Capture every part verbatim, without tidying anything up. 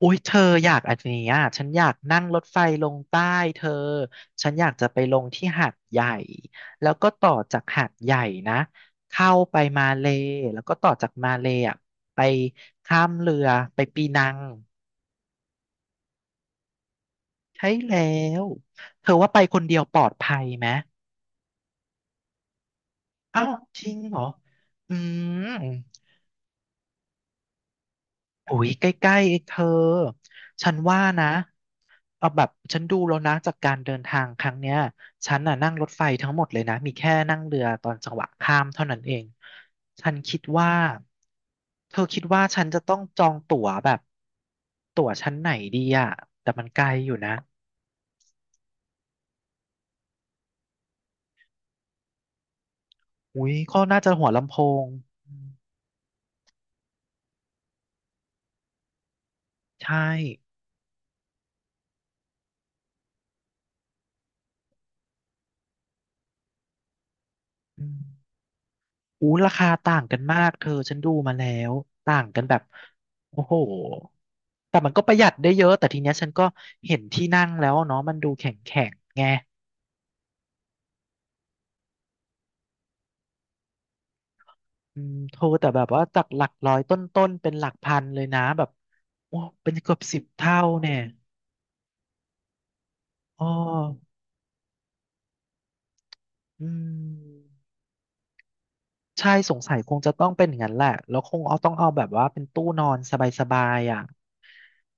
อุ้ยเธออยากอันนี้อ่ะฉันอยากนั่งรถไฟลงใต้เธอฉันอยากจะไปลงที่หาดใหญ่แล้วก็ต่อจากหาดใหญ่นะเข้าไปมาเลแล้วก็ต่อจากมาเลอ่ะไปข้ามเรือไปปีนังใช่แล้วเธอว่าไปคนเดียวปลอดภัยไหมอ้าวจริงเหรออืม โอ้ยใกล้ๆเองเธอ ฉันว่านะเอาแบบฉันดูแล้วนะจากการเดินทางครั้งเนี้ยฉันน่ะนั่งรถไฟทั้งหมดเลยนะมีแค่นั่งเรือตอนจังหวะข้ามเท่านั้นเองฉันคิดว่าเธอคิดว่าฉันจะต้องจองตั๋วแบบตั๋วชั้นไหนดีอะแต่มันไกลอยู่นะอุ้ยก็น่าจะหัวลำโพงอืมใช่อืม อู้ราคาต่างกันมากเธอฉันดูมาแล้วต่างกันแบบโอ้โหแต่มันก็ประหยัดได้เยอะแต่ทีเนี้ยฉันก็เห็นที่นั่งแล้วเนาะมันดูแข็งแข็งไงอืมโทรแต่แบบว่าจากหลักร้อยต้นๆเป็นหลักพันเลยนะแบบโอ้เป็นเกือบสิบเท่าเนี่ยอ๋ออืมใช่สงสัยคงจะต้องเป็นอย่างนั้นแหละแล้วคงเอาต้องเอาแบบว่าเป็นตู้นอนสบายๆอ่ะ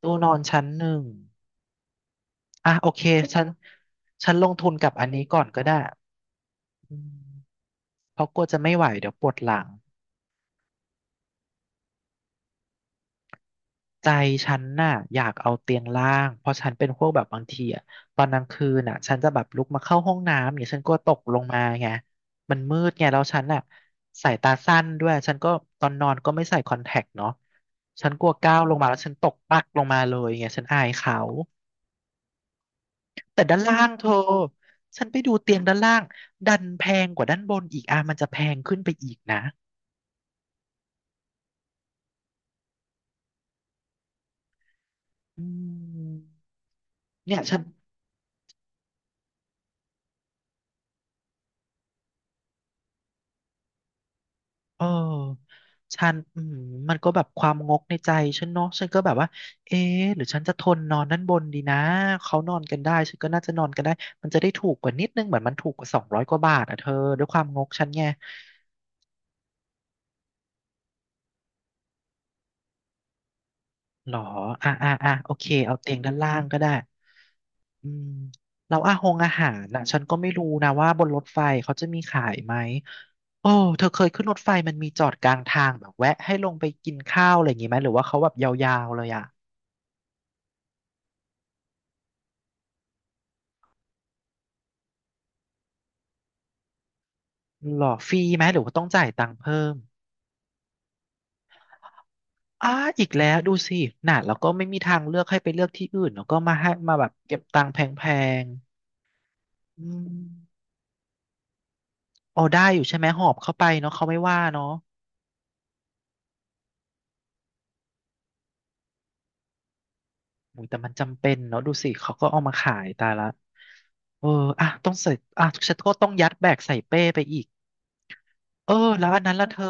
ตู้นอนชั้นหนึ่งอ่ะโอเคฉันฉันลงทุนกับอันนี้ก่อนก็ได้ อืมเพราะกลัวจะไม่ไหวเดี๋ยวปวดหลังใจฉันน่ะอยากเอาเตียงล่างเพราะฉันเป็นพวกแบบบางทีอ่ะตอนกลางคืนน่ะฉันจะแบบลุกมาเข้าห้องน้ำเนี่ยฉันกลัวตกลงมาไงมันมืดไงแล้วฉันน่ะสายตาสั้นด้วยฉันก็ตอนนอนก็ไม่ใส่คอนแทคเนาะฉันกลัวก้าวลงมาแล้วฉันตกปักลงมาเลยไงฉันอายเขาแต่ด้านล่างเธอฉันไปดูเตียงด้านล่างดันแพงกว่าด้านบนอีกอ่ะมันจะแพงขึ้นไปอีกนะอืมเนี่ยฉัน เออฉันอืมมันก็แบบความงกในใจฉันเนาะฉันก็แบบว่าเอ๊ะหรือฉันจะทนนอนด้านบนดีนะเขานอนกันได้ ฉันก็น่าจะนอนกันได้มันจะได้ถูกกว่านิดนึงเหมือนมันถูกกว่าสองร้อยกว่าบาทอ่ะเธอด้วยความงกฉันไงหรออ่ะอ่ะอ่ะโอเคเอาเตียงด้านล่างก็ได้อืมแล้วอาหงอาหารน่ะฉันก็ไม่รู้นะว่าบนรถไฟเขาจะมีขายไหมโอ้เธอเคยขึ้นรถไฟมันมีจอดกลางทางแบบแวะให้ลงไปกินข้าวอะไรอย่างงี้ไหมหรือว่าเขาแบบยาวๆเลยอ่ะ หรอฟรีไหมหรือว่าต้องจ่ายตังค์เพิ่มอ่าอีกแล้วดูสิน่ะแล้วก็ไม่มีทางเลือกให้ไปเลือกที่อื่นแล้วก็มาให้มาแบบเก็บตังค์แพงๆอืมอ๋อได้อยู่ใช่ไหมหอบเข้าไปเนาะเขาไม่ว่าเนาะอุยแต่มันจำเป็นเนาะดูสิเขาก็เอามาขายตายละเอออ่ะต้องใส่อ่ะฉันก็ต้องยัดแบกใส่เป้ไปอีกเออแล้วอันนั้นละเธอ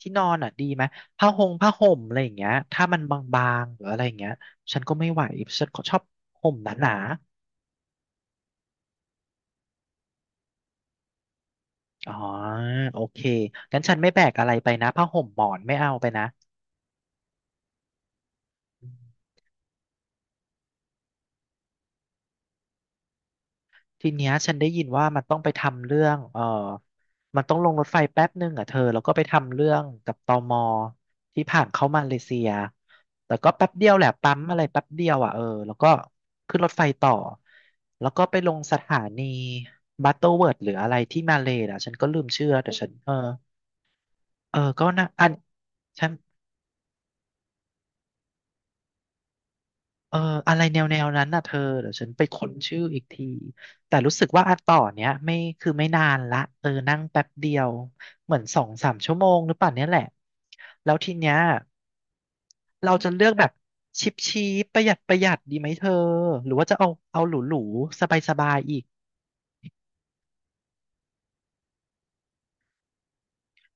ที่นอนอ่ะดีไหมผ้าหงผ้าห่มอะไรอย่างเงี้ยถ้ามันบางๆหรืออะไรอย่างเงี้ยฉันก็ไม่ไหวฉันก็ชอบห่มหนา อ๋อโอเคงั้นฉันไม่แบกอะไรไปนะผ้าห่มหมอนไม่เอาไปนะทีเนี้ยฉันได้ยินว่ามันต้องไปทำเรื่องเออมันต้องลงรถไฟแป๊บหนึงอ่ะเธอแล้วก็ไปทำเรื่องกับตมที่ผ่านเข้ามาเลเซียแต่ก็แป๊บเดียวแหละปั๊มอะไรแป๊บเดียวอ่ะเออแล้วก็ขึ้นรถไฟต่อแล้วก็ไปลงสถานีบัตเตอร์เวิร์ดหรืออะไรที่มาเลย์อ่ะฉันก็ลืมชื่อแต่ฉันเออเออก็นะอันฉัน เอออะไรแนวแนวนั้นน่ะเธอเดี๋ยวฉันไปค้นชื่ออีกทีแต่รู้สึกว่าอันต่อเนี้ยไม่คือไม่นานละเออนั่งแป๊บเดียวเหมือนสองสามชั่วโมงหรือเปล่าเนี้ยแหละแล้วทีเนี้ยเราจะเลือกแบบชิปชีปประหยัดประหยัดดีไหมเธอหรือว่าจะเอาเอาหรูหรูสบายสบายๆอีก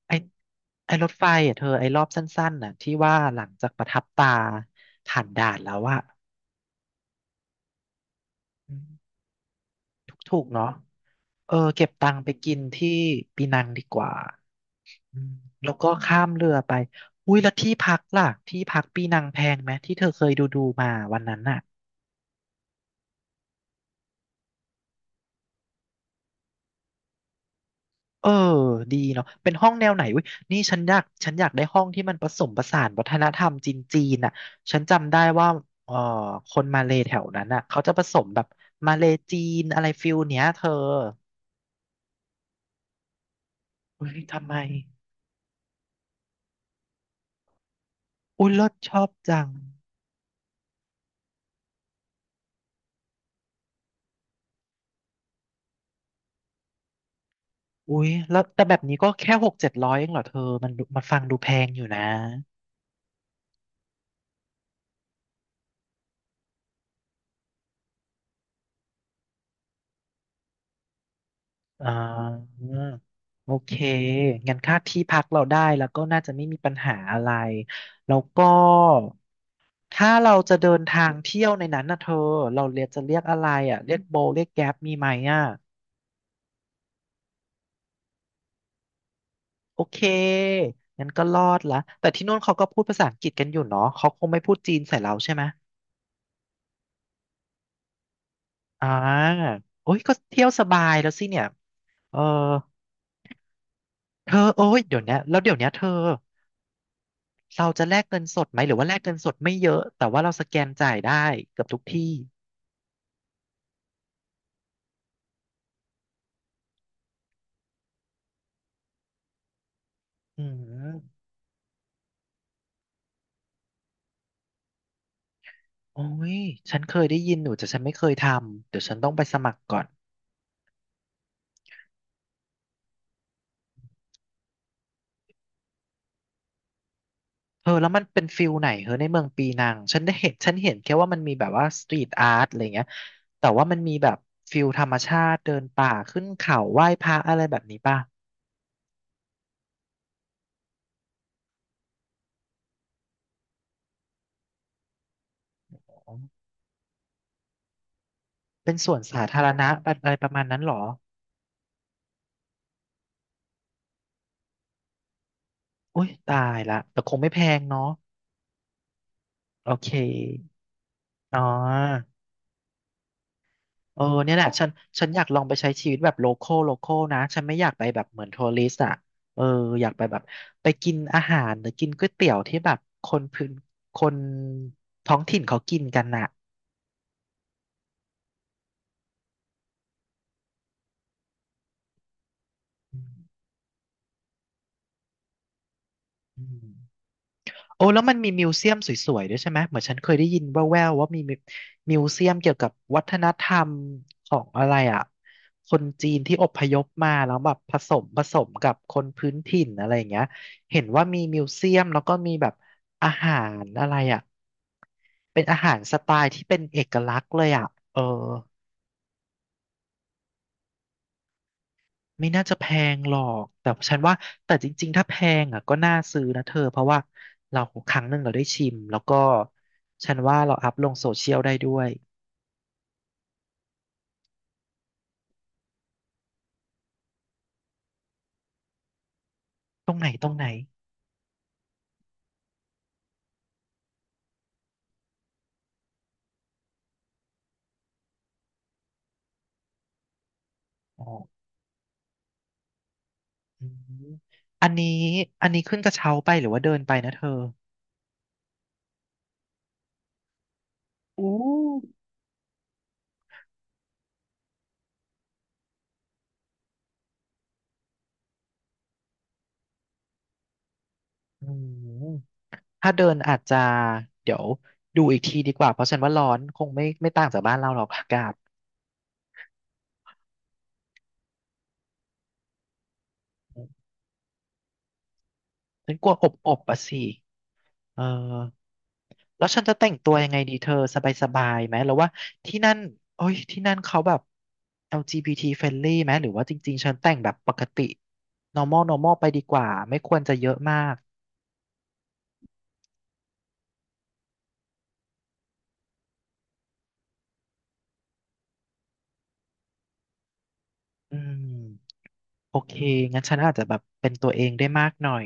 ไอไอรถไฟอ่ะเธอไอรอบสั้นๆน่ะที่ว่าหลังจากประทับตาผ่านด่านแล้วอะถูกถูกๆเนาะเออเก็บตังค์ไปกินที่ปีนังดีกว่า อืมแล้วก็ข้ามเรือไปอุ้ยแล้วที่พักล่ะที่พักปีนังแพงไหมที่เธอเคยดูดูมาวันนั้นน่ะเออดีเนาะเป็นห้องแนวไหนอุ้ยนี่ฉันอยากฉันอยากได้ห้องที่มันผสมผสานวัฒนธรรมจีนจีนน่ะฉันจำได้ว่าเออคนมาเลแถวนั้นน่ะเขาจะผสมแบบมาเลจีนอะไรฟิลเนี้ยเธออุ้ยทำไม อุ้ยรลชอบจังอุ้ยแล้วแต่แบบนี้ก็แค่หกเจ็ดร้อยเองเหรอเธอมันดูมันฟังดูแพงอยู่นะ อ่าโอเคงั้นค่าที่พักเราได้แล้วก็น่าจะไม่มีปัญหาอะไรแล้วก็ถ้าเราจะเดินทางเที่ยวในนั้นนะเธอเราเรียกจะเรียกอะไรอ่ะเรียกโบเรียกแก๊ปมีไหมอ่ะโอเคงั้นก็รอดละแต่ที่นู่นเขาก็พูดภาษาอังกฤษกันอยู่เนาะเขาคงไม่พูดจีนใส่เราใช่ไหมอ่าโอ้ยก็เที่ยวสบายแล้วสิเนี่ยเออเธอโอ้ยเดี๋ยวเนี้ยแล้วเดี๋ยวเนี้ยเธอ เราจะแลกเงินสดไหมหรือว่าแลกเงินสดไม่เยอะแต่ว่าเราสแกนจ่ายได้เกือบทุกที่อืมโอ้ยฉันเคยได้ยินอยู่แต่ฉันไม่เคยทำเดี๋ยวฉันต้องไปสมัครก่อนเออแล้วมันเป็นฟิลไหนเออในเมืองปีนังฉันได้เห็นฉันเห็นแค่ว่ามันมีแบบว่าสตรีทอาร์ตอะไรเงี้ยแต่ว่ามันมีแบบฟิลธรรมชาติเดินป่าขึ้นเขาไหว้พระอะไรแบบนี้ป่ะอ๋อเป็นสวนสาธารณะอะไรประมาณนั้นเหรออุ้ยตายละแต่คงไม่แพงเนาะโอเคอ๋อ เออเนี่ยแหละฉันฉันอยากลองไปใช้ชีวิตแบบโลคอลโลคอลนะฉันไม่อยากไปแบบเหมือนทัวริสต์อ่ะเอออยากไปแบบไปกินอาหารหรือกินก๋วยเตี๋ยวที่แบบคนพื้นคนท้องถิ่นเขากินกันน่ะอืม โอ้แล้วมันมีมิวเซียมสวยๆด้วยใช่ไหมเหมือนฉันเคยได้ยินแว่วๆว่ามีมิมิวเซียมเกี่ยวกับวัฒนธรรมของอะไรอ่ะคนจีนที่อพยพมาแล้วแบบผสมผสมกับคนพื้นถิ่นอะไรอย่างเงี้ยเห็นว่ามีมิวเซียมแล้วก็มีแบบอาหารอะไรอ่ะเป็นอาหารสไตล์ที่เป็นเอกลักษณ์เลยอ่ะเออ ไม่น่าจะแพงหรอก แต่ฉันว่าแต่จริงๆถ้าแพงอ่ะก็น่าซื้อนะเธอเพราะว่าเราครั้งหนึ่งเราได้ชิมแล้วก็ฉันว่าเราอัพลงโซเชียลได้ด้วยตรงไหนตรงไหนอ๋ออืมอันนี้อันนี้ขึ้นกระเช้าไปหรือว่าเดินไปนะเธออืมถ้าเดินอาจจะเดี๋ยวดูอีกทีดีกว่าเพราะฉันว่าร้อนคงไม่ไม่ต่างจากบ้านเราหรอกอากาศอืมฉันกลัวอบอบอ่ะสิเออ แล้วฉันจะแต่งตัวยังไงดีเธอสบายๆไหมแล้วว่าที่นั่นโอ้ยที่นั่นเขาแบบ แอล จี บี ที friendly ไหมหรือว่าจริงๆฉันแต่งแบบปกติ normal normal ไปดีกว่าไม่ควรจะเยอะมากอืมโอเคงั้นฉันอาจจะแบบเป็นตัวเองได้มากหน่อย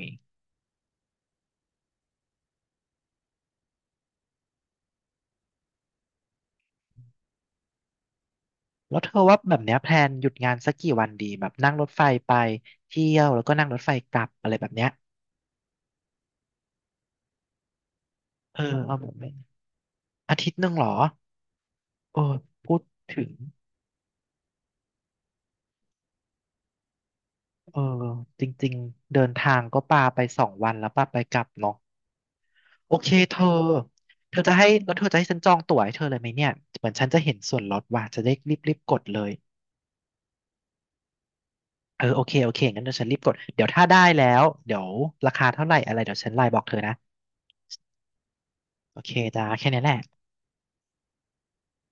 แล้วเธอว่าแบบเนี้ยแพลนหยุดงานสักกี่วันดีแบบนั่งรถไฟไปเที่ยวแล้วก็นั่งรถไฟกลับอะไรแบบเนี้ยเออเอาแบบเป็นอาทิตย์หนึ่งเหรอเออพูดถึง เออจริงๆเดินทางก็ปาไปสองวันแล้วปาไปกลับเนาะโอเคเธอเธอจะให้แล้วเธอจะให้ฉันจองตั๋วให้เธอเลยไหมเนี่ยเหมือนฉันจะเห็นส่วนลดว่าจะได้รีบๆกดเลยเออโอเคโอเคงั้นเดี๋ยวฉันรีบกดเดี๋ยวถ้าได้แล้วเดี๋ยวราคาเท่าไหร่อะไรเดี๋ยวฉันไลน์บอกเธอนะโอเคจ้าแค่นี้แหละ